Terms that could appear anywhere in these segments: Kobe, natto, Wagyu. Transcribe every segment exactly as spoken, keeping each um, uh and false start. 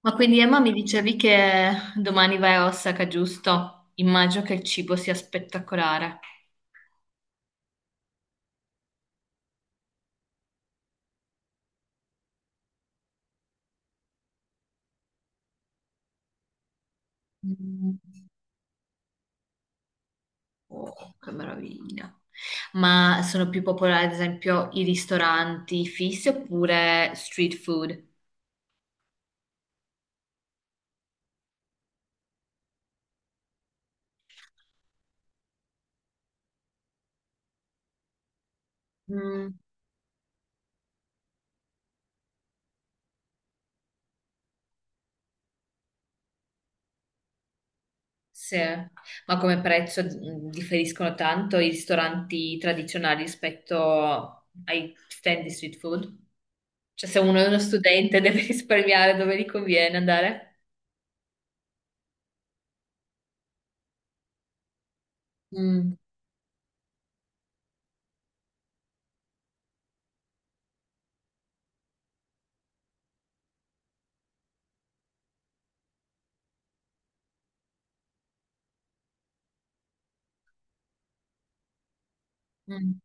Ma quindi Emma mi dicevi che domani vai a Osaka, giusto? Immagino che il cibo sia spettacolare. Mm. Oh, che meraviglia. Ma sono più popolari, ad esempio, i ristoranti fissi oppure street food? Mm, sì. Ma come prezzo mm, differiscono tanto i ristoranti tradizionali rispetto ai stand di street food? Cioè, se uno è uno studente deve risparmiare dove gli conviene andare? Mm, mm.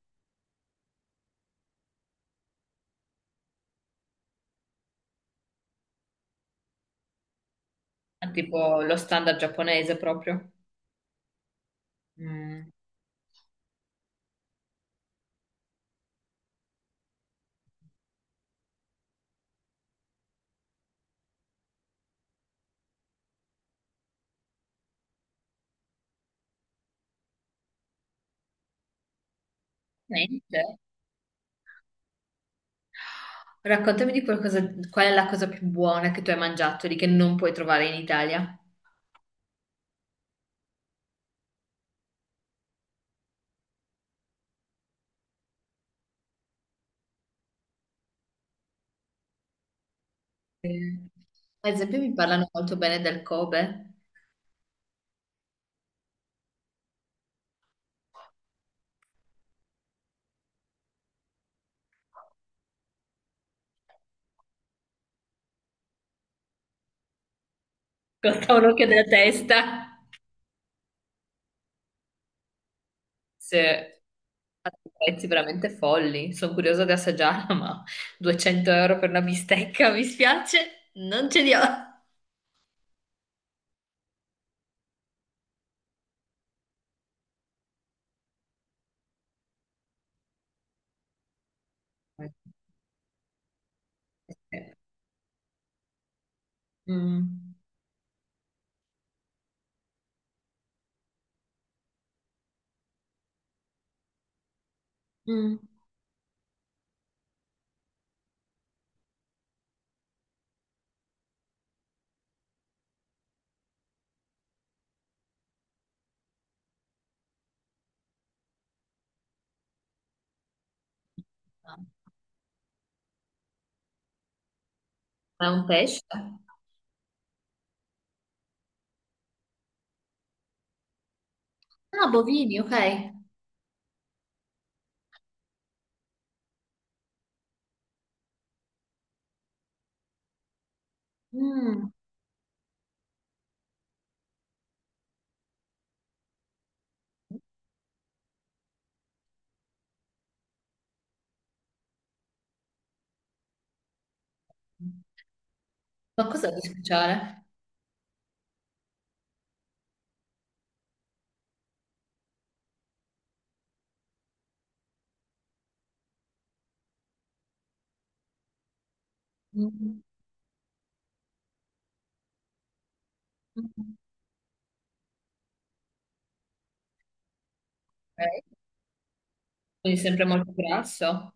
Ah, tipo lo standard giapponese proprio. Mm. Niente. Raccontami di qualcosa, qual è la cosa più buona che tu hai mangiato lì che non puoi trovare in Italia? Eh, Ad esempio, mi parlano molto bene del Kobe. Costa un occhio della testa. Se ha dei prezzi veramente folli. Sono curiosa di assaggiarla, ma duecento euro per una bistecca, mi spiace, non ce li ho. Mm. Mm. Ah, è un pesce? Ah, bovini, ok. Mm. Ma cosa di speciale? Mm. Ok. Quindi sempre molto grasso.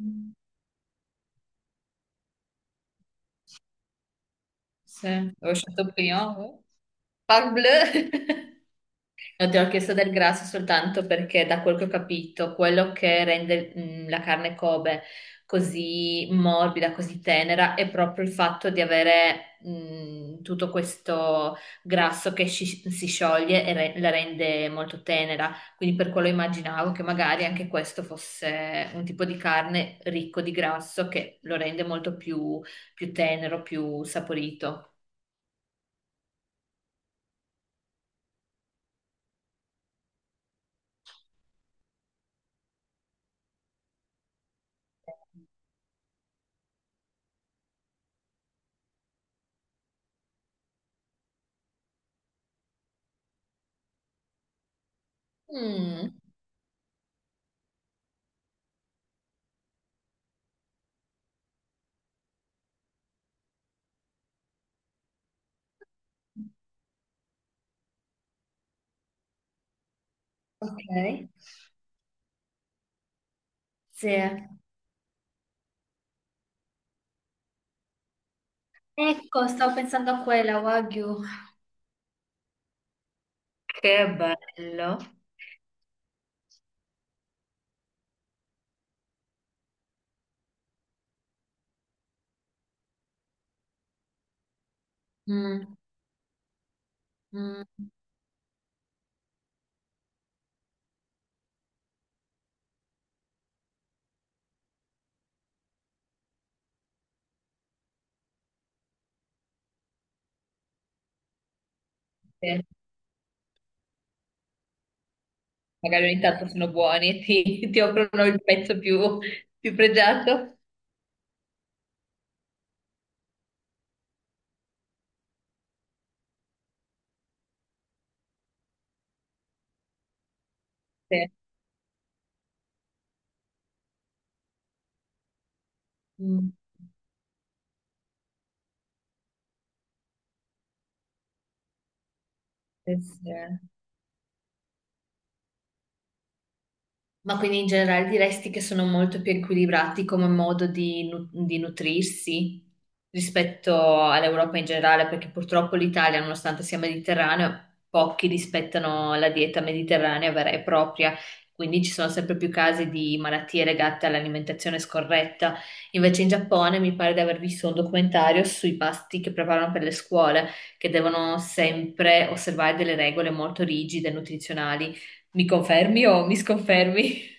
Mm. Sì, ho scelto Pignolo. Parbleu! No, ti ho chiesto del grasso soltanto perché da quel che ho capito, quello che rende mh, la carne Kobe così morbida, così tenera, è proprio il fatto di avere mh, tutto questo grasso che sci- si scioglie e re- la rende molto tenera. Quindi per quello immaginavo che magari anche questo fosse un tipo di carne ricco di grasso che lo rende molto più, più tenero, più saporito. Mm, ok. Sì. Ecco, stavo pensando a quella, Wagyu. Che bello. Mm, mm. Sì, magari ogni tanto sono buoni, ti, ti offrono il pezzo più, più pregiato. Sì. Mm. Sì, sì. Ma quindi in generale diresti che sono molto più equilibrati come modo di, nu- di nutrirsi rispetto all'Europa in generale, perché purtroppo l'Italia, nonostante sia mediterraneo, pochi rispettano la dieta mediterranea vera e propria, quindi ci sono sempre più casi di malattie legate all'alimentazione scorretta. Invece in Giappone mi pare di aver visto un documentario sui pasti che preparano per le scuole, che devono sempre osservare delle regole molto rigide nutrizionali. Mi confermi o mi sconfermi?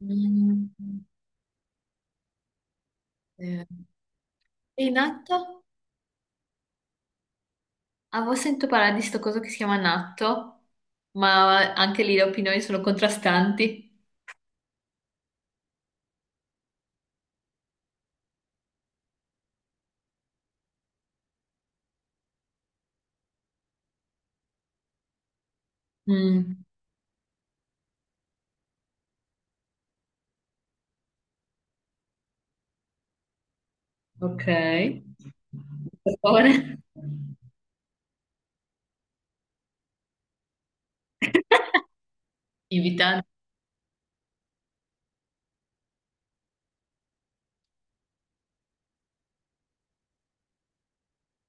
Mm. Eh. E il natto? Avevo sentito parlare di sto coso che si chiama natto, ma anche lì le opinioni sono contrastanti. Mm, ok. Per favore. Invitante.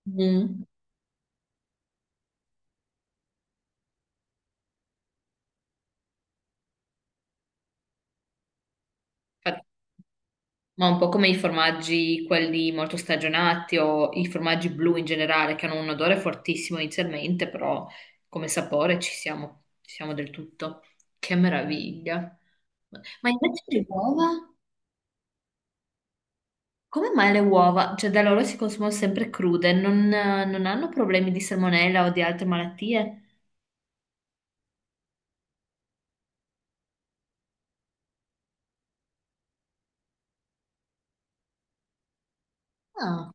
Mm. Ma un po' come i formaggi, quelli molto stagionati o i formaggi blu in generale, che hanno un odore fortissimo inizialmente, però come sapore ci siamo, ci siamo del tutto. Che meraviglia. Ma invece le uova? Come mai le uova? Cioè, da loro si consumano sempre crude, non, non hanno problemi di salmonella o di altre malattie? Ah,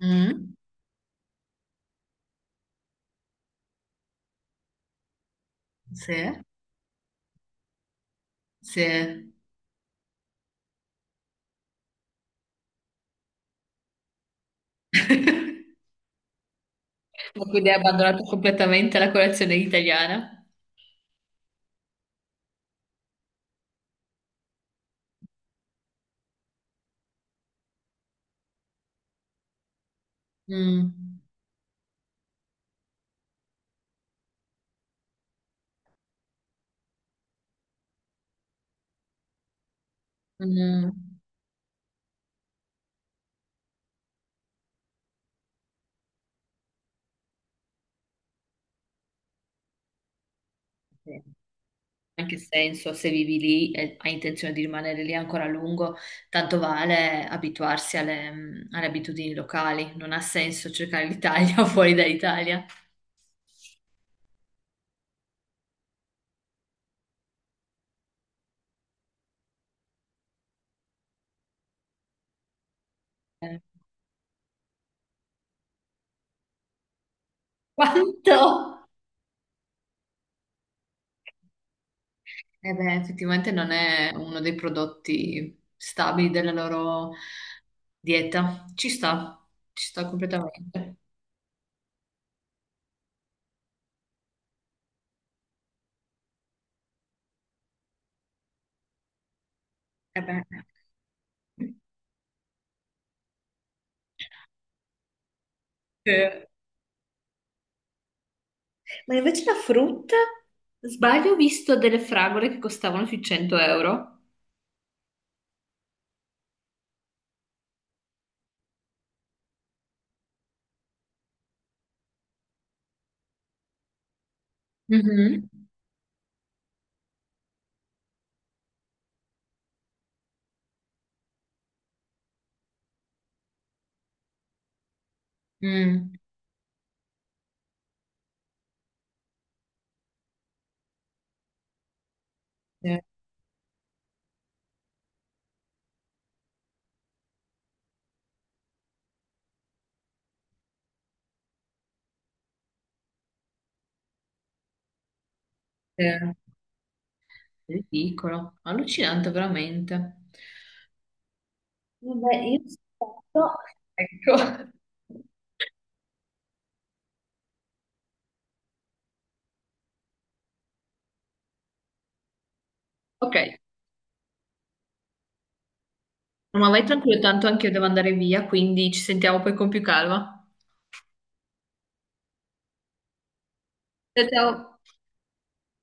mm, sì, sì. Ma quindi hai abbandonato completamente la colazione italiana? Mm, mm. Sì. Anche se, insomma, se vivi lì e hai intenzione di rimanere lì ancora a lungo, tanto vale abituarsi alle, mh, alle abitudini locali. Non ha senso cercare l'Italia fuori dall'Italia. Eh, Quanto? Eh beh, effettivamente non è uno dei prodotti stabili della loro dieta. Ci sta, ci sta completamente. Eh beh. Eh. Ma invece la frutta, sbaglio, ho visto delle fragole che costavano sui cento euro. Mhm. Mm. Sì, sì. Ridicolo, allucinante veramente. Vabbè, io aspetto. Ecco. Ok, no, ma vai tranquillo, tanto anche io devo andare via, quindi ci sentiamo poi con più calma. Ciao, ciao.